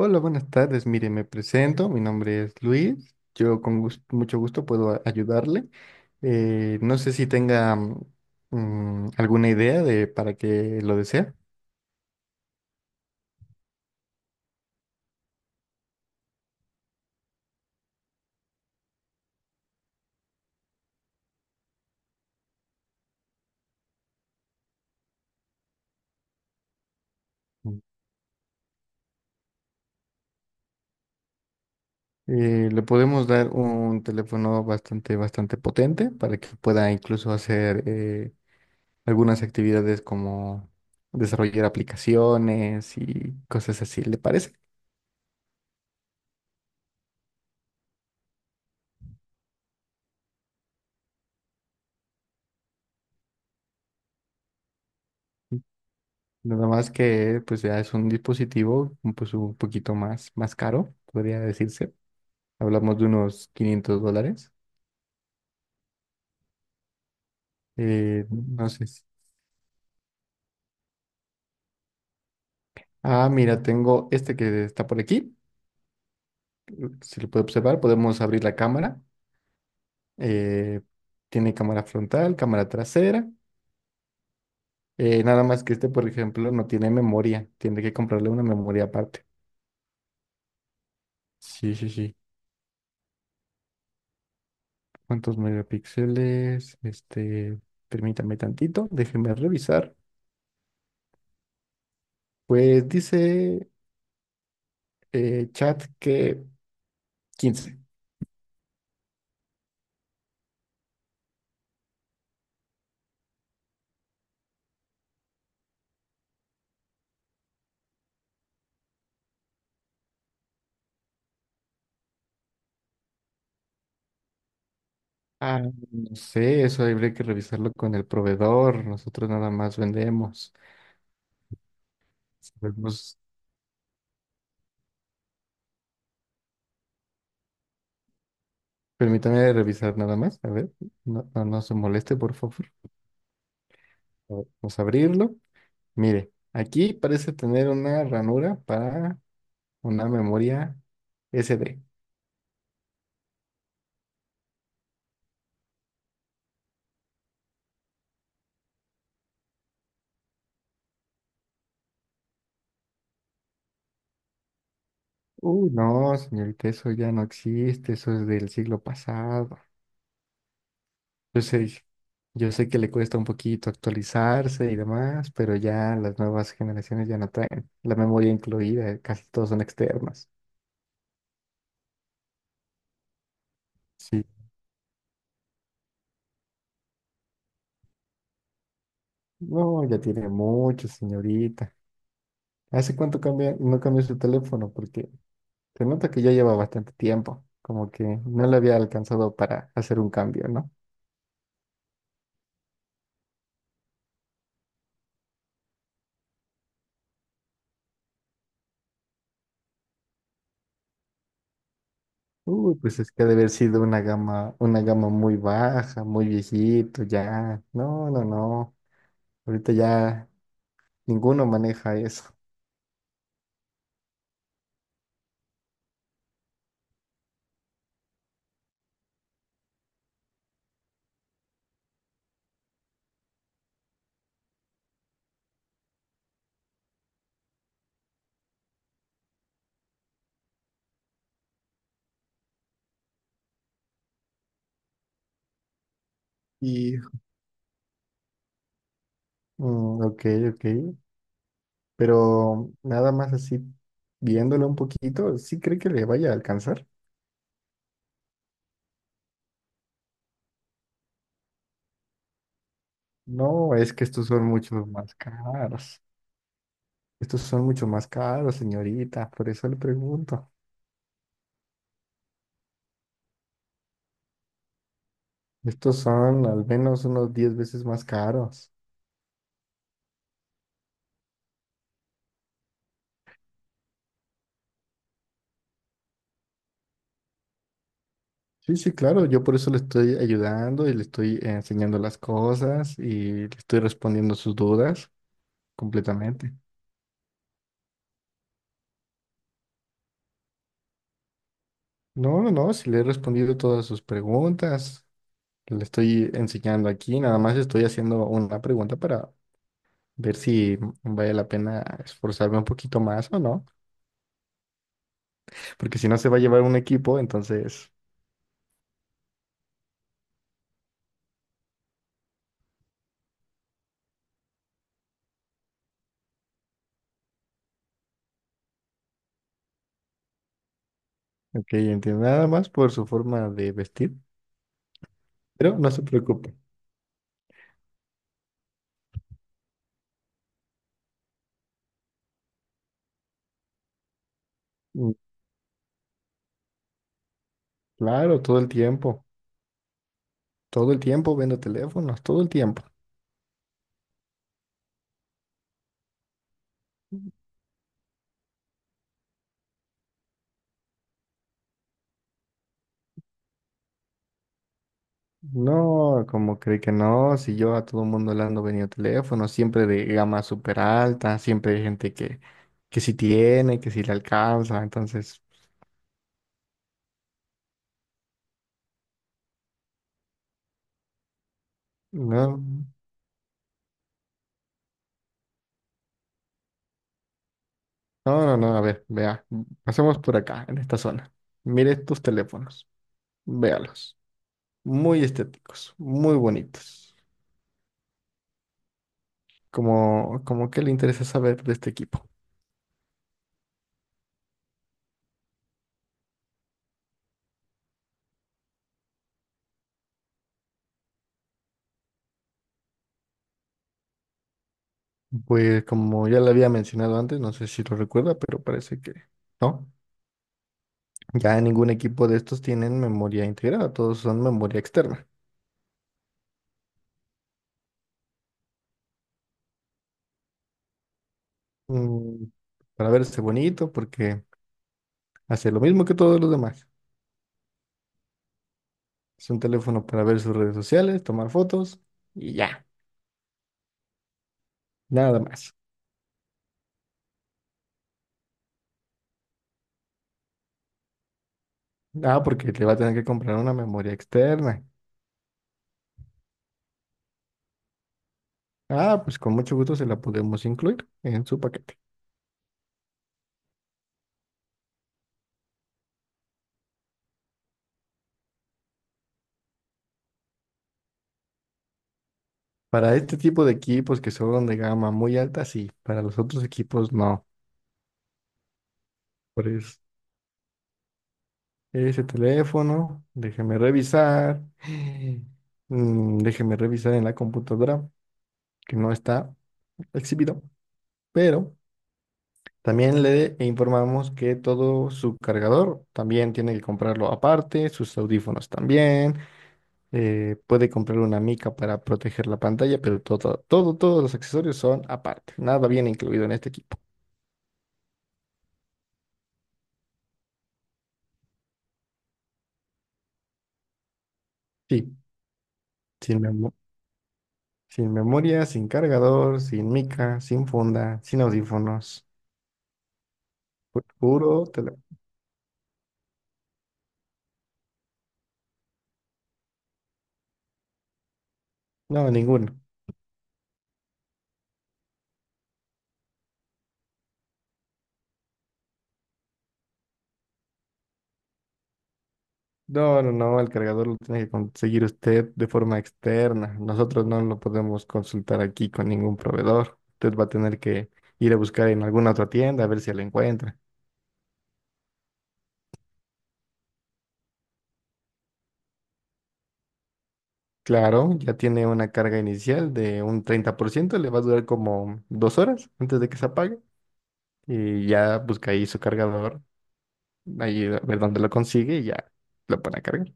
Hola, buenas tardes. Mire, me presento. Mi nombre es Luis. Yo mucho gusto puedo ayudarle. No sé si tenga alguna idea de para qué lo desea. Mm. Le podemos dar un teléfono bastante potente para que pueda incluso hacer algunas actividades como desarrollar aplicaciones y cosas así. ¿Le parece? Nada más que pues ya es un dispositivo, pues un poquito más caro, podría decirse. Hablamos de unos $500. No sé. Ah, mira, tengo este que está por aquí. Si lo puede observar, podemos abrir la cámara. Eh, Tiene cámara frontal, cámara trasera. Nada más que este, por ejemplo, no tiene memoria. Tiene que comprarle una memoria aparte. Sí, sí, sí. ¿Cuántos megapíxeles? Permítame tantito, déjeme revisar. Pues dice, chat, que 15. Ah, no sé, eso habría que revisarlo con el proveedor. Nosotros nada más vendemos. Sabemos- Permítame revisar nada más. A ver, no, no, no se moleste, por favor. A ver, vamos a abrirlo. Mire, aquí parece tener una ranura para una memoria SD. No, señorita, eso ya no existe. Eso es del siglo pasado. Yo sé, yo sé que le cuesta un poquito actualizarse y demás, pero ya las nuevas generaciones ya no traen la memoria incluida, casi todos son externas. Sí. No, ya tiene mucho, señorita. ¿Hace cuánto cambia, no cambió su teléfono? Porque se nota que ya lleva bastante tiempo, como que no le había alcanzado para hacer un cambio, ¿no? Uy, pues es que ha de haber sido una gama muy baja, muy viejito, ya. No, no, no. Ahorita ya ninguno maneja eso. Y Mm, ok, ok. Pero nada más así, viéndolo un poquito, ¿sí cree que le vaya a alcanzar? No, es que estos son mucho más caros. Estos son mucho más caros, señorita. Por eso le pregunto. Estos son al menos unos 10 veces más caros. Sí, sí, claro. Yo por eso le estoy ayudando y le estoy enseñando las cosas y le estoy respondiendo sus dudas completamente. No, no, no, si le he respondido todas sus preguntas. Le estoy enseñando aquí, nada más estoy haciendo una pregunta para ver si vale la pena esforzarme un poquito más o no, porque si no se va a llevar un equipo, entonces, ok, entiendo, nada más por su forma de vestir, pero no se preocupe. Mm, claro, todo el tiempo vendo teléfonos, todo el tiempo. No, como cree que no, si yo a todo el mundo le ando vendiendo teléfonos, siempre de gama súper alta, siempre hay gente que sí tiene, que sí le alcanza, entonces... No. No, no, no, a ver, vea. Pasemos por acá, en esta zona. Mire estos teléfonos. Véalos. Muy estéticos, muy bonitos. Como que le interesa saber de este equipo. Pues como ya le había mencionado antes, no sé si lo recuerda, pero parece que no. Ya ningún equipo de estos tienen memoria integrada, todos son memoria externa. Mm, para verse bonito, porque hace lo mismo que todos los demás. Es un teléfono para ver sus redes sociales, tomar fotos y ya, nada más. Ah, porque le va a tener que comprar una memoria externa. Ah, pues con mucho gusto se la podemos incluir en su paquete. Para este tipo de equipos que son de gama muy alta, sí. Para los otros equipos, no. Por eso, ese teléfono, déjeme revisar. Déjeme revisar en la computadora, que no está exhibido. Pero también le informamos que todo su cargador también tiene que comprarlo aparte, sus audífonos también. Puede comprar una mica para proteger la pantalla, pero todos los accesorios son aparte. Nada viene incluido en este equipo. Sí, sin memo- sin memoria, sin cargador, sin mica, sin funda, sin audífonos. Pu- Puro tele- No, ninguno. No, no, no, el cargador lo tiene que conseguir usted de forma externa. Nosotros no lo podemos consultar aquí con ningún proveedor. Usted va a tener que ir a buscar en alguna otra tienda a ver si lo encuentra. Claro, ya tiene una carga inicial de un 30%. Le va a durar como 2 horas antes de que se apague, y ya busca ahí su cargador, ahí a ver dónde lo consigue y ya lo pone a cargar.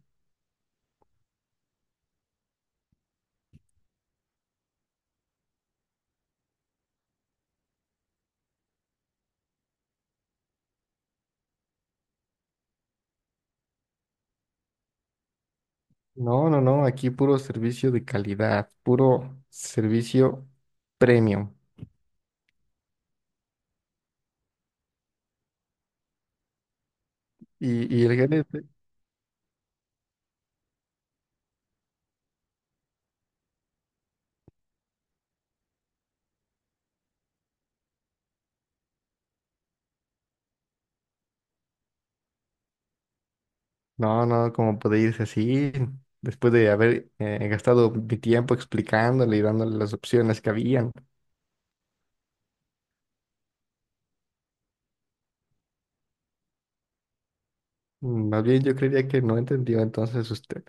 No, no, no, aquí puro servicio de calidad, puro servicio premium. Y, y el gerente, no, no, como puede irse así, después de haber gastado mi tiempo explicándole y dándole las opciones que habían? Más bien yo creería que no entendió entonces usted.